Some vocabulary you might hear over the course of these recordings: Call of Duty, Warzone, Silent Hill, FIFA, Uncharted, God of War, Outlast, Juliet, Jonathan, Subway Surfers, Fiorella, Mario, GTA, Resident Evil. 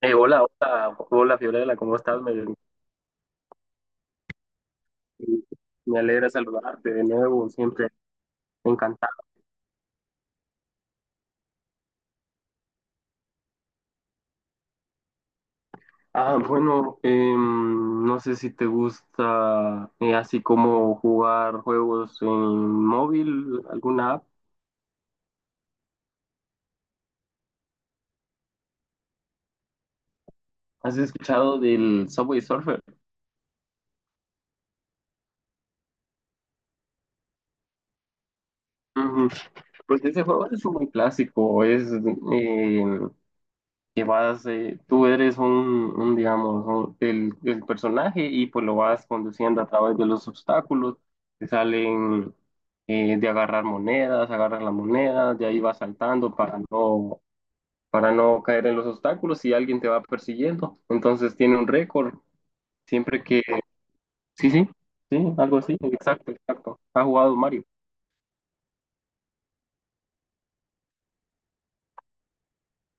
Hola, hola, hola Fiorella, ¿cómo estás? Me alegra saludarte de nuevo, siempre encantado. Ah, bueno, no sé si te gusta, así como jugar juegos en móvil, alguna app. ¿Has escuchado del Subway Surfer? Ujú. Pues ese juego es muy clásico, eh, que vas, tú eres un, digamos, el personaje, y pues lo vas conduciendo a través de los obstáculos que salen, de agarrar monedas, agarras la moneda, de ahí vas saltando para no caer en los obstáculos, y alguien te va persiguiendo. Entonces tiene un récord siempre que. Sí, sí, sí, algo así, exacto, exacto. ¿Has jugado Mario?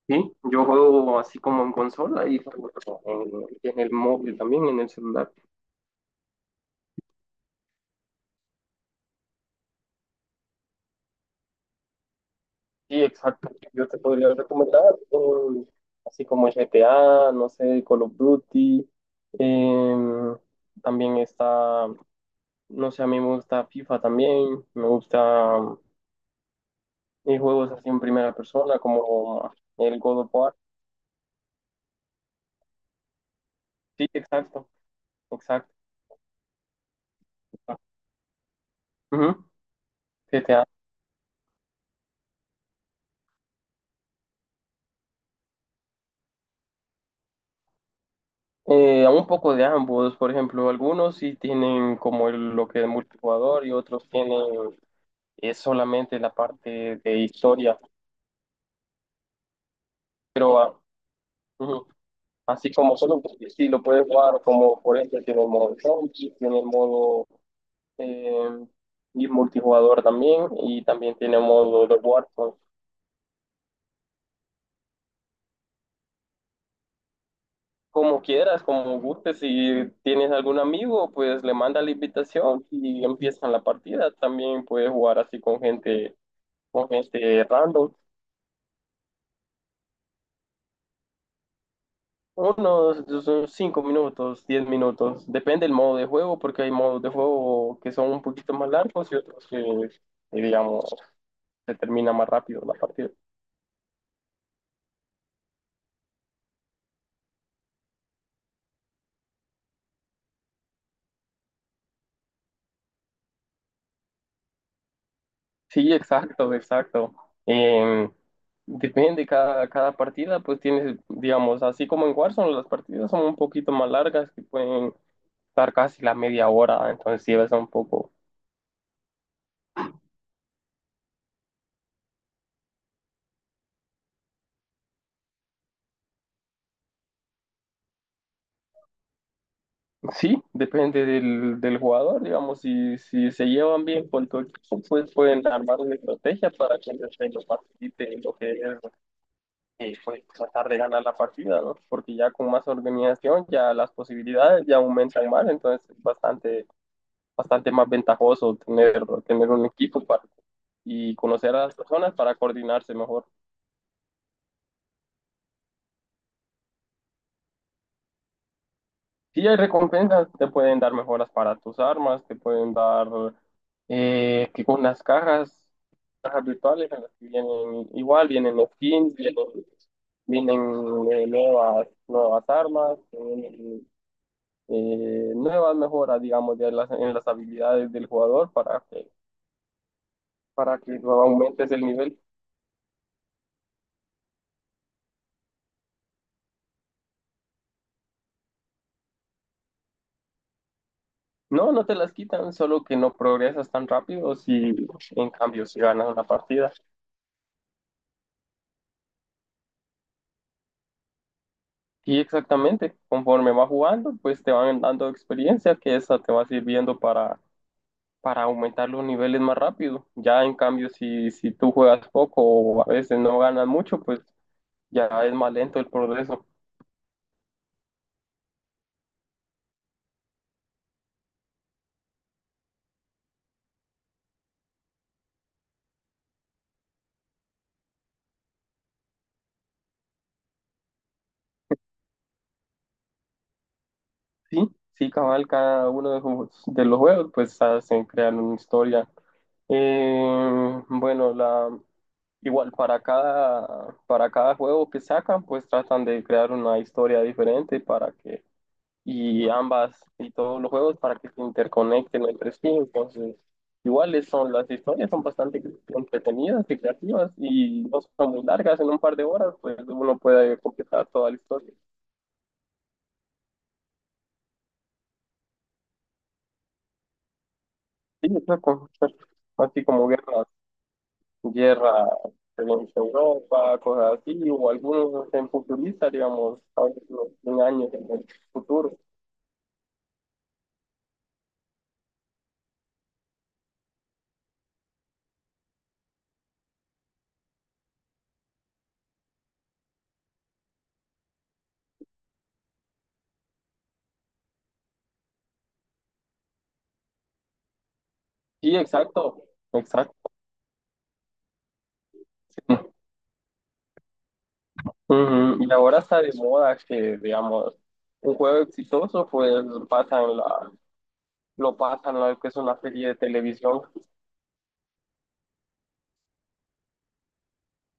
Sí, yo juego así como en consola y en, en el móvil también, en el celular. Sí, exacto. Yo te podría recomendar un- así como GTA, no sé, Call of Duty. em, También está, no sé, a mí me gusta FIFA también. Me gusta, juegos así en primera persona como el God of War. Sí, exacto, exacto. Ujú. GTA. Un poco de ambos, por ejemplo, algunos sí tienen como lo que es multijugador, y otros tienen, solamente la parte de historia. Pero, ah, ujú. Así como solo si lo puedes jugar, como por ejemplo tiene el modo zombie, tiene el modo, eh, y multijugador también, y también tiene modo de Warzone. Como quieras, como gustes, si tienes algún amigo, pues le manda la invitación y empiezan la partida. También puedes jugar así con gente random. Unos 5 minutos, 10 minutos, depende del modo de juego, porque hay modos de juego que son un poquito más largos, y otros que, digamos, se termina más rápido la partida. Sí, exacto, exacto. Eh, Depende, cada partida pues tienes, digamos, así como en Warzone, las partidas son un poquito más largas, que pueden estar casi la media hora, entonces llevas un poco. Sí, depende del jugador, digamos, si se llevan bien con tu equipo, pues pueden armar una estrategia para que el desempeño participe en lo que es, pues tratar de ganar la partida, ¿no? Porque ya con más organización ya las posibilidades ya aumentan más, entonces es bastante, bastante más ventajoso tener un equipo para, y conocer a las personas para coordinarse mejor. Sí, hay recompensas, te pueden dar mejoras para tus armas, te pueden dar, que con las cajas, cajas virtuales en las que vienen igual, vienen skins, vienen nuevas armas, vienen, nuevas mejoras, digamos, de las, en las habilidades del jugador, para que aumentes el nivel. No, no te las quitan, solo que no progresas tan rápido si, en cambio, si ganas una partida. Y exactamente, conforme vas jugando, pues te van dando experiencia que esa te va sirviendo para aumentar los niveles más rápido. Ya, en cambio, si tú juegas poco o a veces no ganas mucho, pues ya es más lento el progreso. Sí, sí, cabal, cada uno de los juegos pues hacen, crean una historia. Bueno, igual para cada juego que sacan pues tratan de crear una historia diferente para que, y ambas, y todos los juegos para que se interconecten entre sí. Entonces, iguales son las historias, son bastante entretenidas y creativas, y no son muy largas, en un par de horas pues uno puede completar toda la historia. Sí, exacto, exacto. Así como guerra en Europa, cosas así, o algunos en futurista, digamos, a veces no, en años en el futuro. Sí, exacto, exacto. Ujú. Y ahora está de moda que, digamos, un juego exitoso, pues pasan la, lo pasan, lo que es una serie de televisión,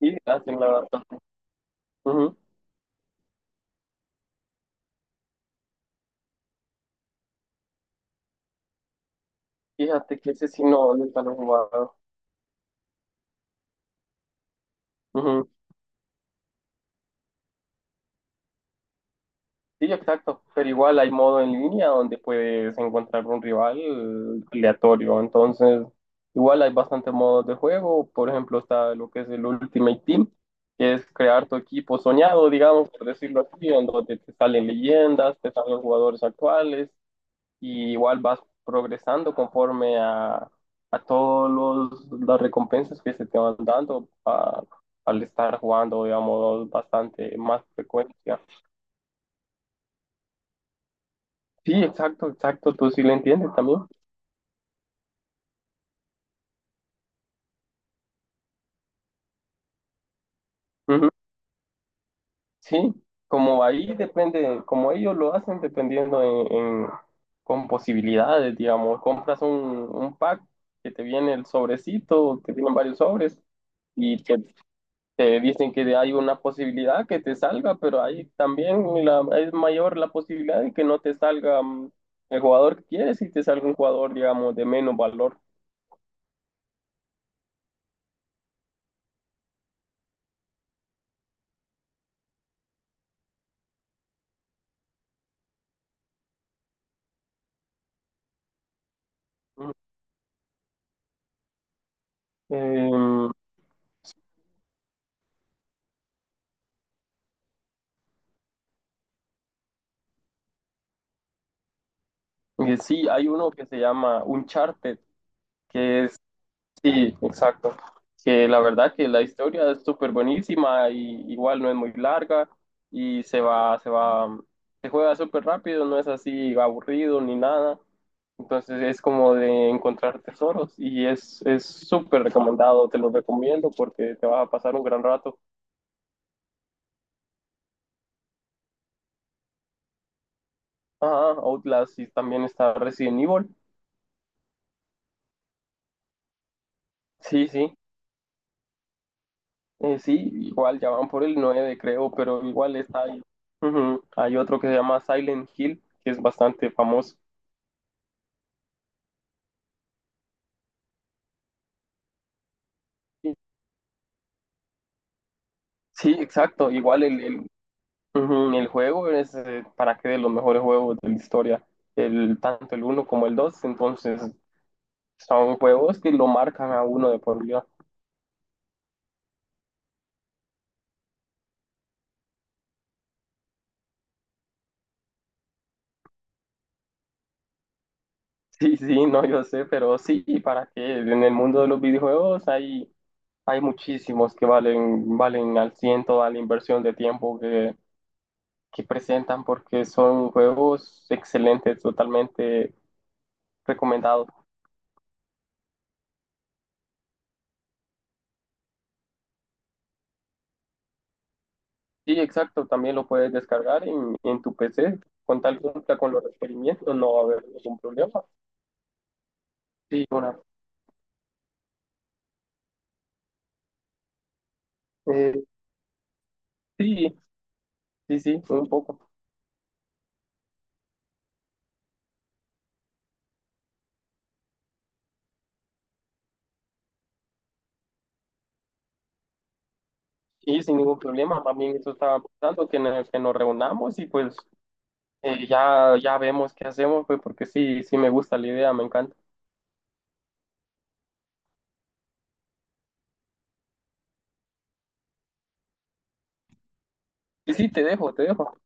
y hacen la adaptación. Ujú. Fíjate que ese sí no, nunca lo he jugado. Sí, exacto, pero igual hay modo en línea donde puedes encontrar un rival, aleatorio, entonces igual hay bastantes modos de juego, por ejemplo está lo que es el Ultimate Team, que es crear tu equipo soñado, digamos, por decirlo así, en donde te salen leyendas, te salen jugadores actuales, y igual vas progresando conforme a todas las recompensas que se te van dando, al estar jugando, digamos, bastante más frecuencia. Sí, exacto, exacto, tú sí lo entiendes también. Ujú. Sí, como ahí depende, como ellos lo hacen dependiendo en- con posibilidades, digamos, compras un pack que te viene el sobrecito, que tienen varios sobres, y te dicen que hay una posibilidad que te salga, pero ahí también, es mayor la posibilidad de que no te salga, el jugador que quieres, y te salga un jugador, digamos, de menos valor. Ujú. Eh, y sí, hay uno que se llama Uncharted. que es, sí exacto, que la verdad que la historia es súper buenísima, y igual no es muy larga, y se juega súper rápido, no es así aburrido ni nada. Entonces es como de encontrar tesoros, y es súper recomendado, te lo recomiendo porque te vas a pasar un gran rato. Ajá. Outlast, y también está Resident Evil. Sí, sí, sí, igual ya van por el 9 creo, pero igual está ahí. Ujú. Hay otro que se llama Silent Hill, que es bastante famoso. Sí, exacto. Igual el juego es, para que de los mejores juegos de la historia, el, tanto el uno como el dos. Entonces, son juegos que lo marcan a uno de por vida. Sí, sí, no, yo sé, pero sí, para que en el mundo de los videojuegos hay muchísimos que valen, valen al ciento a la inversión de tiempo que presentan, porque son juegos excelentes, totalmente recomendados. Sí, exacto, también lo puedes descargar en tu PC, con tal cumpla con los requerimientos, no va a haber ningún problema. Sí, eh, sí, sí, sí, un poco. Y sin ningún problema, también eso estaba pensando, que nos reunamos, y pues ya, ya vemos qué hacemos, pues porque sí, sí me gusta la idea, me encanta. Y sí, te dejo, te dejo.